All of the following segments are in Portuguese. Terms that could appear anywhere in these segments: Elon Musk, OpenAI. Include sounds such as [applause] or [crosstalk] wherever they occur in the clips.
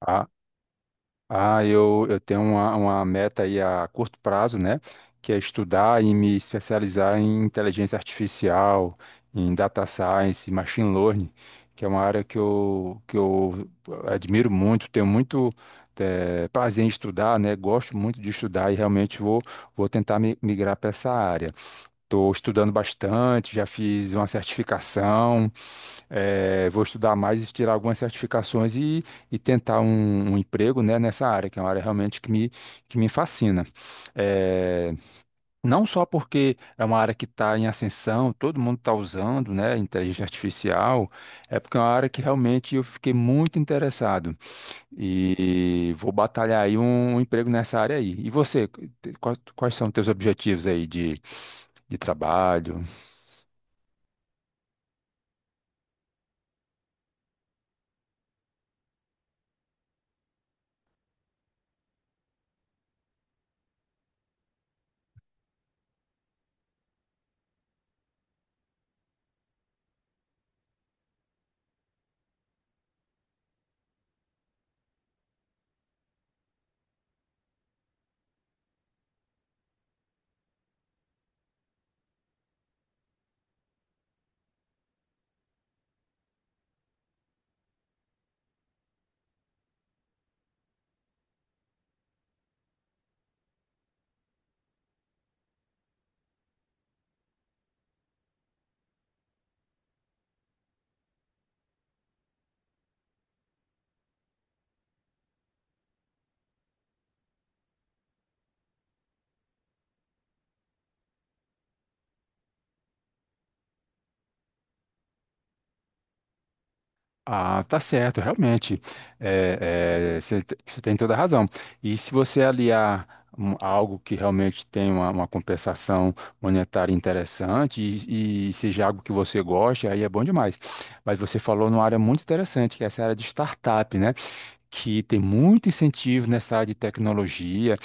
Ah, eu tenho uma meta aí a curto prazo, né? Que é estudar e me especializar em inteligência artificial, em data science, machine learning, que é uma área que eu admiro muito, tenho muito prazer em estudar, né? Gosto muito de estudar e realmente vou tentar migrar para essa área. Estou estudando bastante, já fiz uma certificação. É, vou estudar mais e tirar algumas certificações e tentar um emprego, né, nessa área, que é uma área realmente que me fascina. É, não só porque é uma área que está em ascensão, todo mundo está usando, né, inteligência artificial, é porque é uma área que realmente eu fiquei muito interessado e vou batalhar aí um emprego nessa área aí. E você, quais são os teus objetivos aí de trabalho? Ah, tá certo, realmente. É, você você tem toda a razão. E se você aliar algo que realmente tem uma compensação monetária interessante e seja algo que você goste, aí é bom demais. Mas você falou numa área muito interessante, que é essa área de startup, né? Que tem muito incentivo nessa área de tecnologia,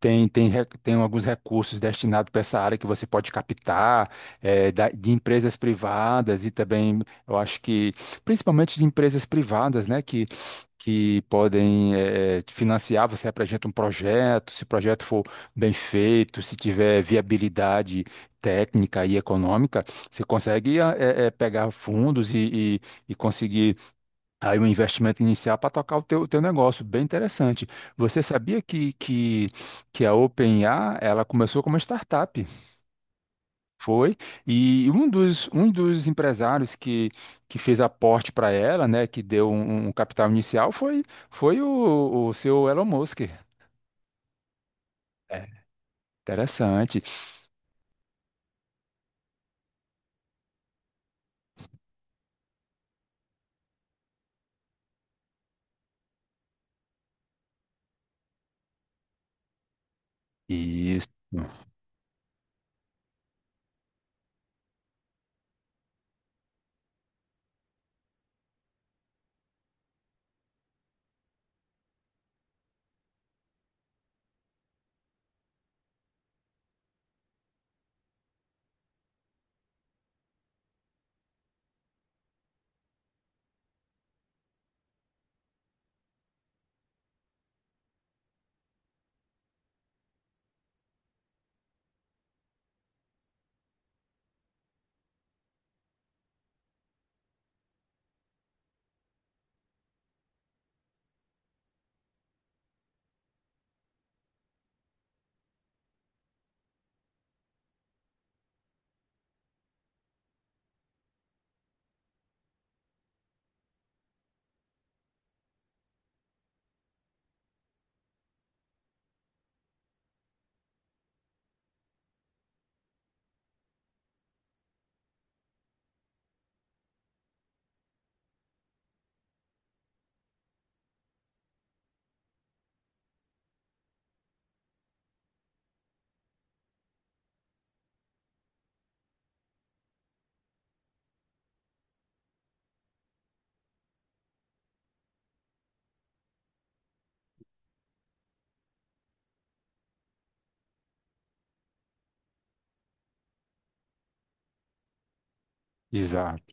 tem alguns recursos destinados para essa área que você pode captar, de empresas privadas e também, eu acho que, principalmente de empresas privadas, né, que podem, te financiar, você apresenta um projeto, se o projeto for bem feito, se tiver viabilidade técnica e econômica, você consegue pegar fundos e- e conseguir aí o investimento inicial para tocar o teu negócio, bem interessante. Você sabia que a OpenAI, ela começou como uma startup, foi? E um um dos empresários que fez aporte para ela, né, que deu um capital inicial, foi o seu Elon Musk. É, interessante. Isso. Exato.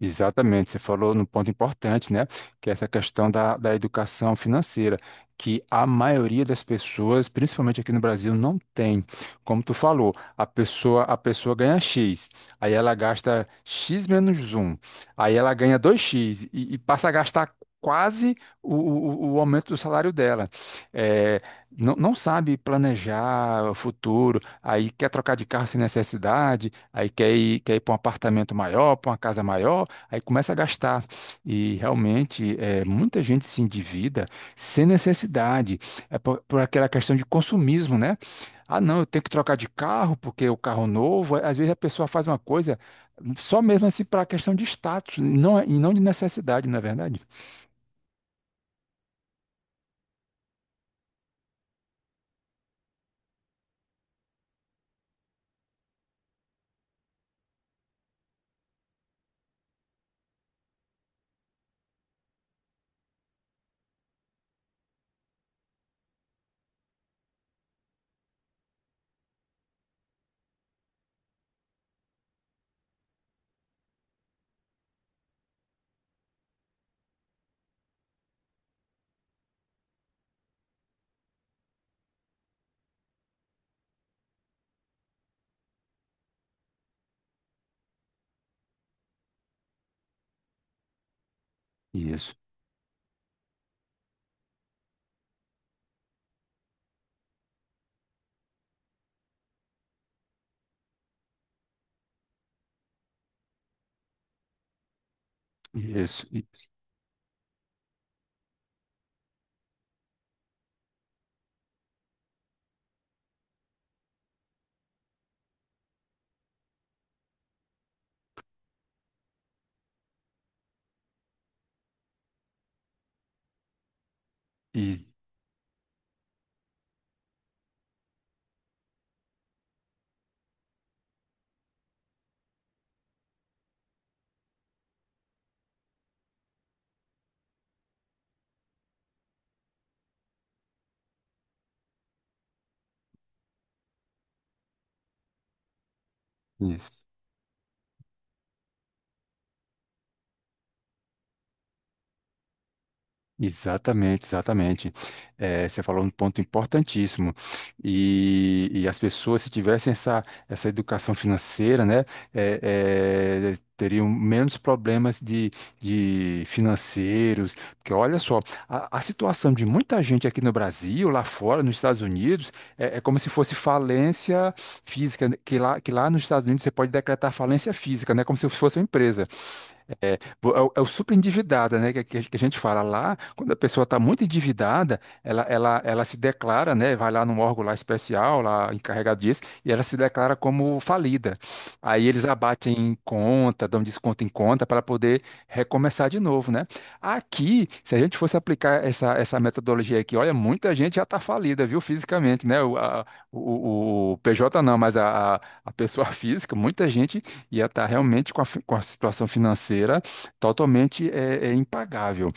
Exatamente, você falou num ponto importante, né? Que é essa questão da educação financeira, que a maioria das pessoas, principalmente aqui no Brasil, não tem. Como tu falou, a pessoa ganha X, aí ela gasta X menos um, aí ela ganha dois x e passa a gastar quase o aumento do salário dela. É, não sabe planejar o futuro, aí quer trocar de carro sem necessidade, aí quer quer ir para um apartamento maior, para uma casa maior. Aí começa a gastar e realmente é, muita gente se endivida sem necessidade, é por aquela questão de consumismo, né? Ah, não, eu tenho que trocar de carro porque o carro novo. Às vezes a pessoa faz uma coisa só mesmo assim para a questão de status, não, e não de necessidade, não é verdade? Isso, isso, isso, isso. Exatamente, exatamente. Você falou um ponto importantíssimo. E as pessoas, se tivessem essa educação financeira, né, teriam menos problemas de financeiros. Porque olha só, a situação de muita gente aqui no Brasil, lá fora, nos Estados Unidos, é como se fosse falência física, né, que lá nos Estados Unidos você pode decretar falência física, né, como se fosse uma empresa. É é o super endividada, né? Que a gente fala lá, quando a pessoa está muito endividada, ela se declara, né? Vai lá num órgão lá especial, lá encarregado disso, e ela se declara como falida. Aí eles abatem em conta, dão desconto em conta para poder recomeçar de novo, né? Aqui, se a gente fosse aplicar essa metodologia aqui, olha, muita gente já está falida, viu, fisicamente, né? O PJ não, mas a pessoa [laughs] física, muita gente ia estar realmente com com a situação financeira totalmente é, é impagável.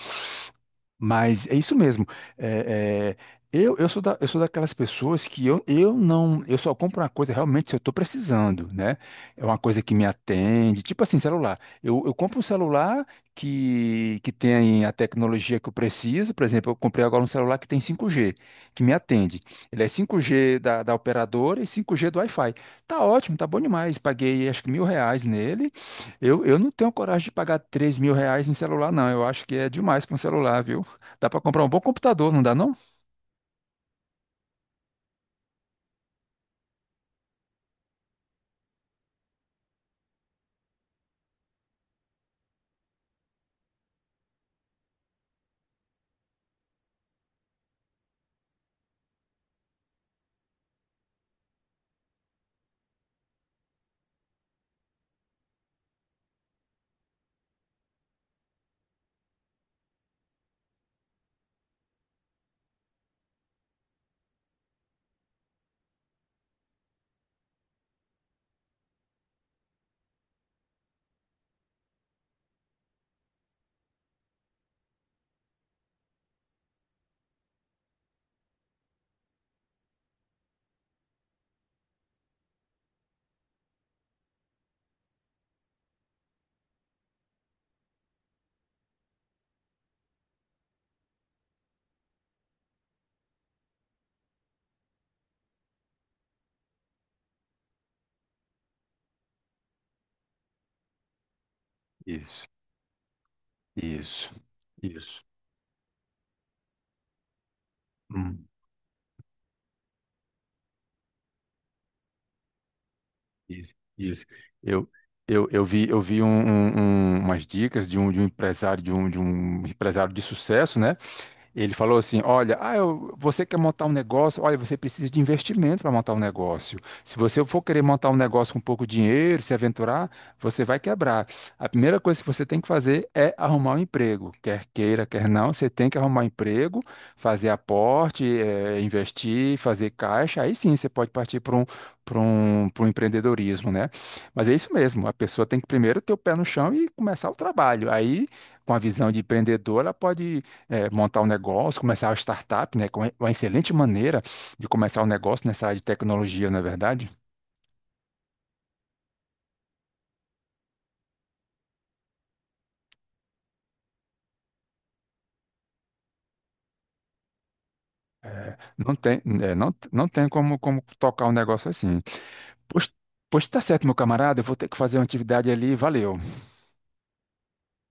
Mas é isso mesmo. É, é, eu, eu sou daquelas pessoas que eu não. Eu só compro uma coisa realmente se eu estou precisando, né? É uma coisa que me atende. Tipo assim, celular. Eu compro um celular que tem a tecnologia que eu preciso. Por exemplo, eu comprei agora um celular que tem 5G, que me atende. Ele é 5G da operadora e 5G do Wi-Fi. Tá ótimo, tá bom demais. Paguei acho que R$ 1.000 nele. Eu não tenho coragem de pagar R$ 3.000 em celular, não. Eu acho que é demais para um celular, viu? Dá para comprar um bom computador, não dá, não? Isso, isso, isso. Hum, isso, isso. Eu, eu vi umas dicas de de um empresário, de de um empresário de sucesso, né? Ele falou assim: Olha, você quer montar um negócio? Olha, você precisa de investimento para montar um negócio. Se você for querer montar um negócio com pouco dinheiro, se aventurar, você vai quebrar. A primeira coisa que você tem que fazer é arrumar um emprego. Quer queira, quer não, você tem que arrumar um emprego, fazer aporte, investir, fazer caixa. Aí sim você pode partir para para um empreendedorismo, né? Mas é isso mesmo: a pessoa tem que primeiro ter o pé no chão e começar o trabalho. Aí, com a visão de empreendedor, ela pode montar um negócio, começar uma startup, né? Que é uma excelente maneira de começar um negócio nessa área de tecnologia, não é verdade? Não tem, é, não tem como tocar um negócio assim. Pois, Pois tá certo, meu camarada, eu vou ter que fazer uma atividade ali, valeu.